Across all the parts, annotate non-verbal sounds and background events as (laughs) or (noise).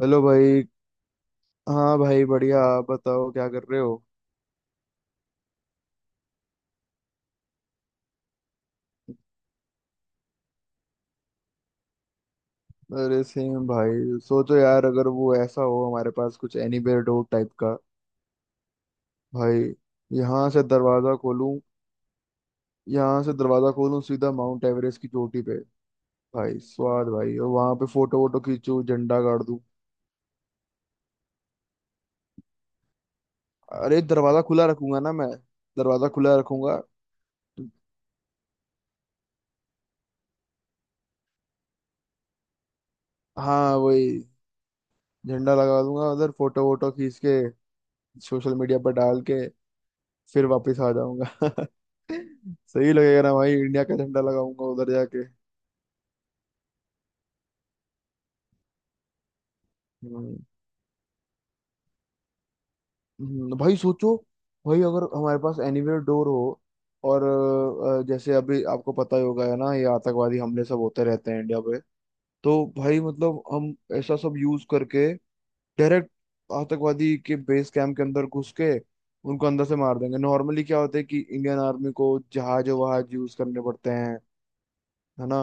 Hello भाई। हाँ भाई, बढ़िया। आप बताओ क्या कर रहे हो? अरे सेम भाई, सोचो यार, अगर वो ऐसा हो हमारे पास कुछ एनीवेयर डोर टाइप का। भाई यहाँ से दरवाजा खोलूं यहाँ से दरवाजा खोलूं सीधा माउंट एवरेस्ट की चोटी पे। भाई स्वाद भाई, और वहां पे फोटो वोटो खींचूं, झंडा गाड़ दूं। अरे, दरवाजा खुला रखूंगा ना मैं, दरवाजा खुला रखूंगा। हाँ वही, झंडा लगा दूंगा उधर, फोटो वोटो खींच के, सोशल मीडिया पर डाल के फिर वापस आ जाऊंगा। (laughs) सही लगेगा ना भाई, इंडिया का झंडा लगाऊंगा उधर जाके। हम्म, भाई सोचो। भाई अगर हमारे पास एनीवेयर डोर हो, और जैसे अभी आपको पता ही होगा, है ना, ये आतंकवादी हमले सब होते रहते हैं इंडिया पे, तो भाई मतलब हम ऐसा सब यूज करके डायरेक्ट आतंकवादी के बेस कैंप के अंदर घुस के उनको अंदर से मार देंगे। नॉर्मली क्या होता है कि इंडियन आर्मी को जहाज वहाज यूज करने पड़ते हैं, है ना?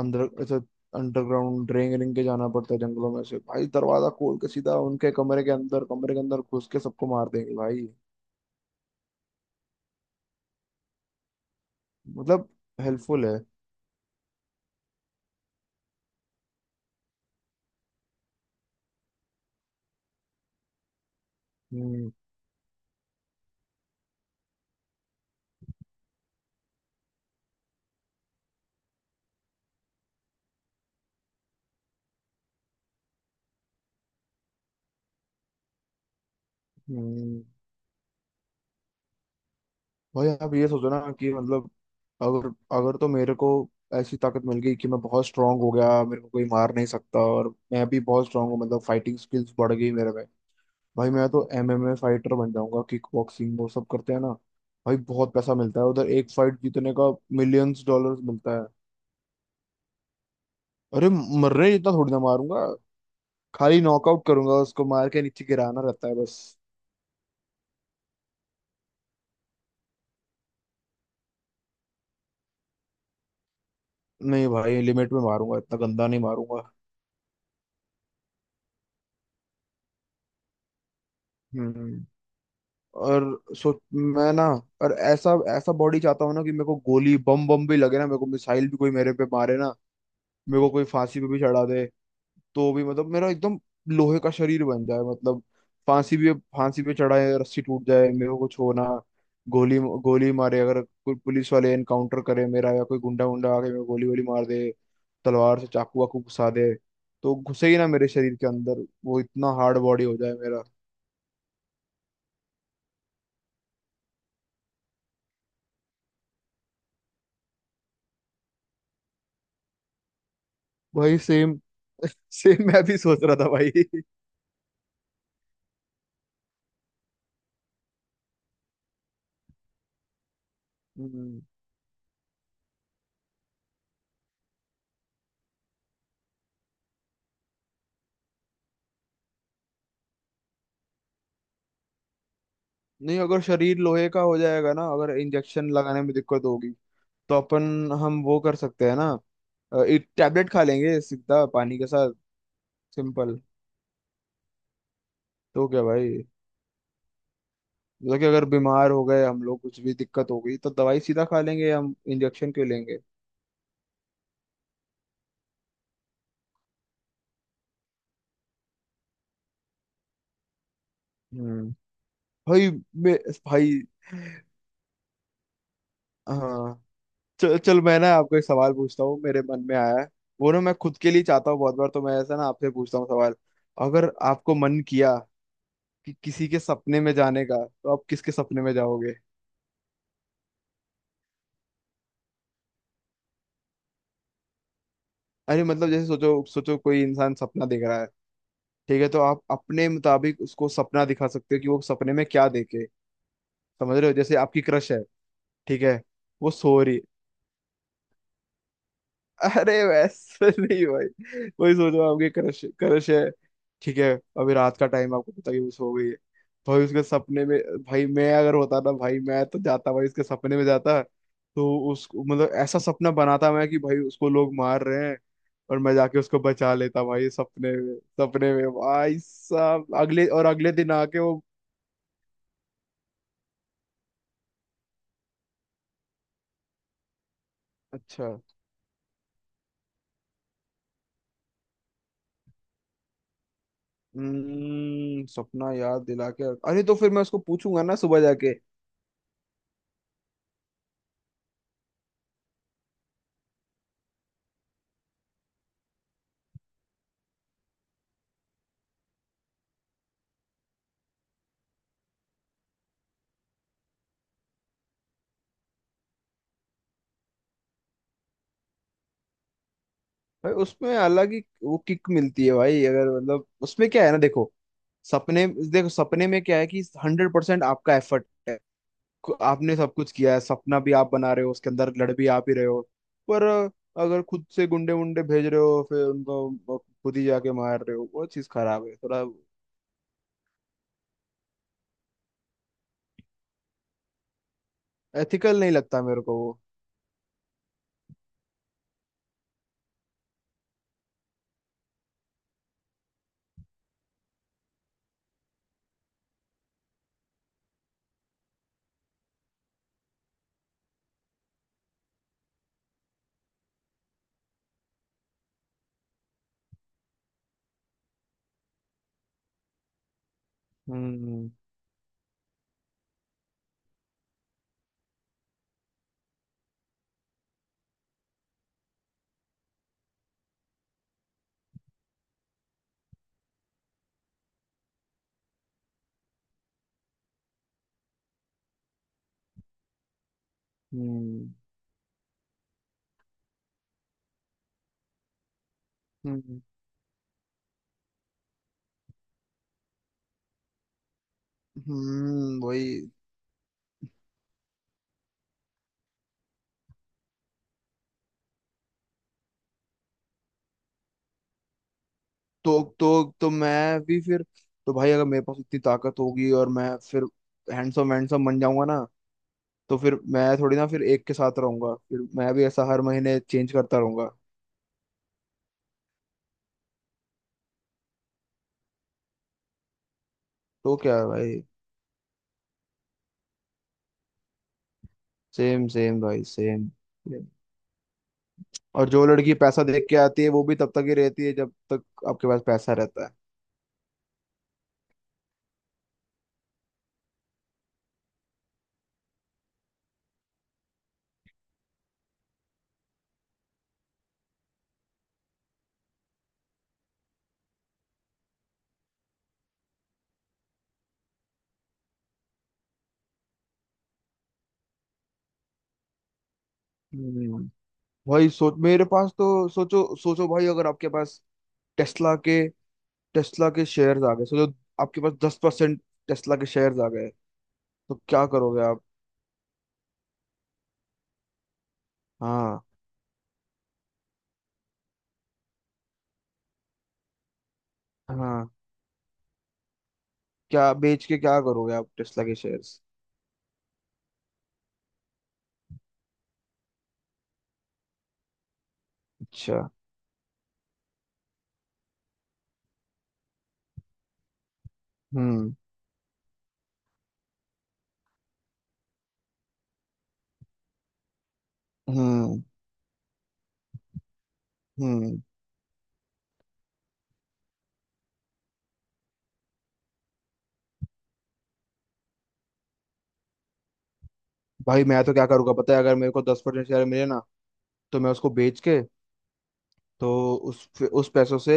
अंदर ऐसे अंडरग्राउंड ड्रेन रेंग के जाना पड़ता है जंगलों में से। भाई दरवाजा खोल के सीधा उनके कमरे के अंदर, कमरे के अंदर घुस के सबको मार देंगे भाई। मतलब हेल्पफुल है। हम्म। हम्म। भाई आप ये सोचो ना कि मतलब, अगर अगर तो मेरे को ऐसी ताकत मिल गई कि मैं बहुत स्ट्रांग हो गया, मेरे को कोई मार नहीं सकता, और मैं भी बहुत स्ट्रांग हूँ, मतलब फाइटिंग स्किल्स बढ़ गई मेरे में। भाई मैं तो MMA फाइटर बन जाऊंगा, किक बॉक्सिंग वो सब करते हैं ना। भाई बहुत पैसा मिलता है उधर, एक फाइट जीतने का। मिलियंस डॉलर्स मिलता है। अरे, मर रहे इतना थोड़ी ना मारूंगा, खाली नॉकआउट करूंगा, उसको मार के नीचे गिराना रहता है बस। नहीं भाई, लिमिट में मारूंगा, इतना गंदा नहीं मारूंगा। हम्म और सो मैं ना, और ऐसा ऐसा बॉडी चाहता हूँ ना कि मेरे को गोली बम बम भी लगे ना, मेरे को मिसाइल भी कोई मेरे पे मारे ना, मेरे को कोई फांसी पे भी चढ़ा दे तो भी, मतलब मेरा एकदम लोहे का शरीर बन जाए, मतलब फांसी भी, फांसी पे चढ़ाए रस्सी टूट जाए, मेरे को कुछ होना, गोली गोली मारे अगर कोई पुलिस वाले एनकाउंटर करे मेरा, या कोई गुंडा गुंडा आके मेरे को गोली गोली मार दे, तलवार से चाकू वाकू घुसा दे तो घुसे ही ना मेरे शरीर के अंदर, वो इतना हार्ड बॉडी हो जाए मेरा। भाई सेम सेम। (laughs) मैं भी सोच रहा था भाई। हम्म, नहीं, अगर शरीर लोहे का हो जाएगा ना, अगर इंजेक्शन लगाने में दिक्कत होगी, तो अपन हम वो कर सकते हैं ना, एक टैबलेट खा लेंगे सीधा पानी के साथ। सिंपल। तो क्या भाई, मतलब कि अगर बीमार हो गए हम लोग, कुछ भी दिक्कत हो गई तो दवाई सीधा खा लेंगे, हम इंजेक्शन क्यों लेंगे। हम्म भाई मैं भाई, हाँ, चल चल मैं ना आपको एक सवाल पूछता हूँ, मेरे मन में आया है। वो ना मैं खुद के लिए चाहता हूँ बहुत बार, तो मैं ऐसा ना आपसे पूछता हूँ सवाल। अगर आपको मन किया कि किसी के सपने में जाने का, तो आप किसके सपने में जाओगे? अरे मतलब, जैसे सोचो सोचो, कोई इंसान सपना देख रहा है, ठीक है, तो आप अपने मुताबिक उसको सपना दिखा सकते हो कि वो सपने में क्या देखे। समझ रहे हो? जैसे आपकी क्रश है, ठीक है, वो सो रही। अरे वैसे नहीं भाई, वही सोचो, आपकी क्रश क्रश है, ठीक है। अभी रात का टाइम, आपको पता कि वो सो गई है। भाई उसके सपने में, भाई मैं अगर होता ना, भाई मैं तो जाता भाई उसके सपने में जाता। तो उसको मतलब ऐसा सपना बनाता मैं कि भाई उसको लोग मार रहे हैं, और मैं जाके उसको बचा लेता भाई सपने में। सपने में भाई साहब अगले, और अगले दिन आके वो। अच्छा। हम्म, सपना याद दिला के। अरे, तो फिर मैं उसको पूछूंगा ना सुबह जाके। भाई उसमें अलग ही वो किक मिलती है भाई, अगर मतलब उसमें क्या है ना, सपने देखो सपने में क्या है कि 100% आपका एफर्ट है। आपने सब कुछ किया है, सपना भी आप बना रहे हो उसके अंदर, लड़ भी आप ही रहे हो। पर अगर खुद से गुंडे वुंडे भेज रहे हो फिर उनको खुद ही जाके मार रहे हो, वो चीज खराब है थोड़ा, एथिकल नहीं लगता मेरे को वो। हम्म। हम्म। हम्म। वही। तो मैं भी फिर, तो भाई अगर मेरे पास इतनी ताकत होगी और मैं फिर हैंडसम वैंडसम बन जाऊंगा ना, तो फिर मैं थोड़ी ना फिर एक के साथ रहूंगा, फिर मैं भी ऐसा हर महीने चेंज करता रहूंगा। तो क्या है भाई, सेम सेम भाई, सेम। और जो लड़की पैसा देख के आती है, वो भी तब तक ही रहती है जब तक आपके पास पैसा रहता है। हम्म भाई सोच, मेरे पास, तो सोचो सोचो भाई, अगर आपके पास टेस्ला के टेस्ला के शेयर्स आ गए, सोचो। आपके पास 10% टेस्ला के शेयर्स आ गए, तो क्या करोगे आप? हाँ, हाँ। क्या बेच के क्या करोगे आप टेस्ला के शेयर्स? अच्छा। हम्म। हम्म। हम्म। भाई मैं तो क्या करूँगा पता है, अगर मेरे को 10% शेयर मिले ना, तो मैं उसको बेच के, तो उस पैसों से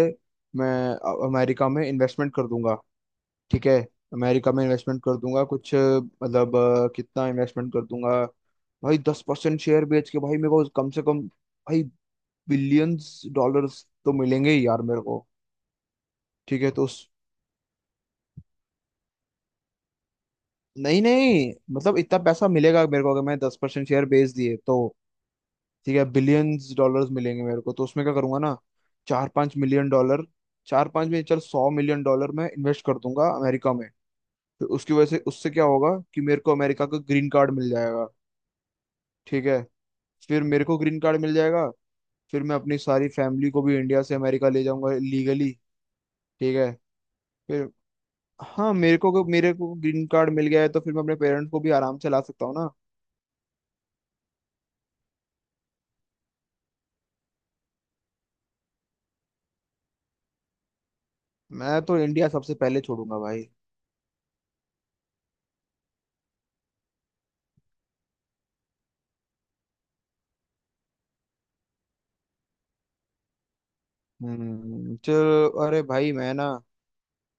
मैं अमेरिका में इन्वेस्टमेंट कर दूंगा। ठीक है, अमेरिका में इन्वेस्टमेंट कर दूंगा कुछ, मतलब कितना इन्वेस्टमेंट कर दूंगा? भाई 10% शेयर बेच के भाई, मेरे को कम से कम भाई बिलियंस डॉलर्स तो मिलेंगे ही यार मेरे को। ठीक है, तो उस, नहीं नहीं मतलब इतना पैसा मिलेगा मेरे को अगर मैं 10% शेयर बेच दिए तो। ठीक है, बिलियंस डॉलर्स मिलेंगे मेरे को, तो उसमें क्या करूंगा ना, 4-5 मिलियन डॉलर, चार पांच में चल 100 मिलियन डॉलर मैं इन्वेस्ट कर दूंगा अमेरिका में। फिर उसकी वजह से, उससे क्या होगा कि मेरे को अमेरिका का ग्रीन कार्ड मिल जाएगा। ठीक है, फिर मेरे को ग्रीन कार्ड मिल जाएगा, फिर मैं अपनी सारी फैमिली को भी इंडिया से अमेरिका ले जाऊंगा लीगली। ठीक है, फिर हाँ, मेरे को ग्रीन कार्ड मिल गया है तो फिर मैं अपने पेरेंट्स को भी आराम से ला सकता हूँ ना। मैं तो इंडिया सबसे पहले छोड़ूंगा भाई। चलो, अरे भाई मैं ना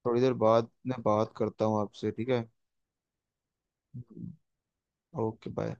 थोड़ी देर बाद में बात करता हूँ आपसे, ठीक है? Okay bye.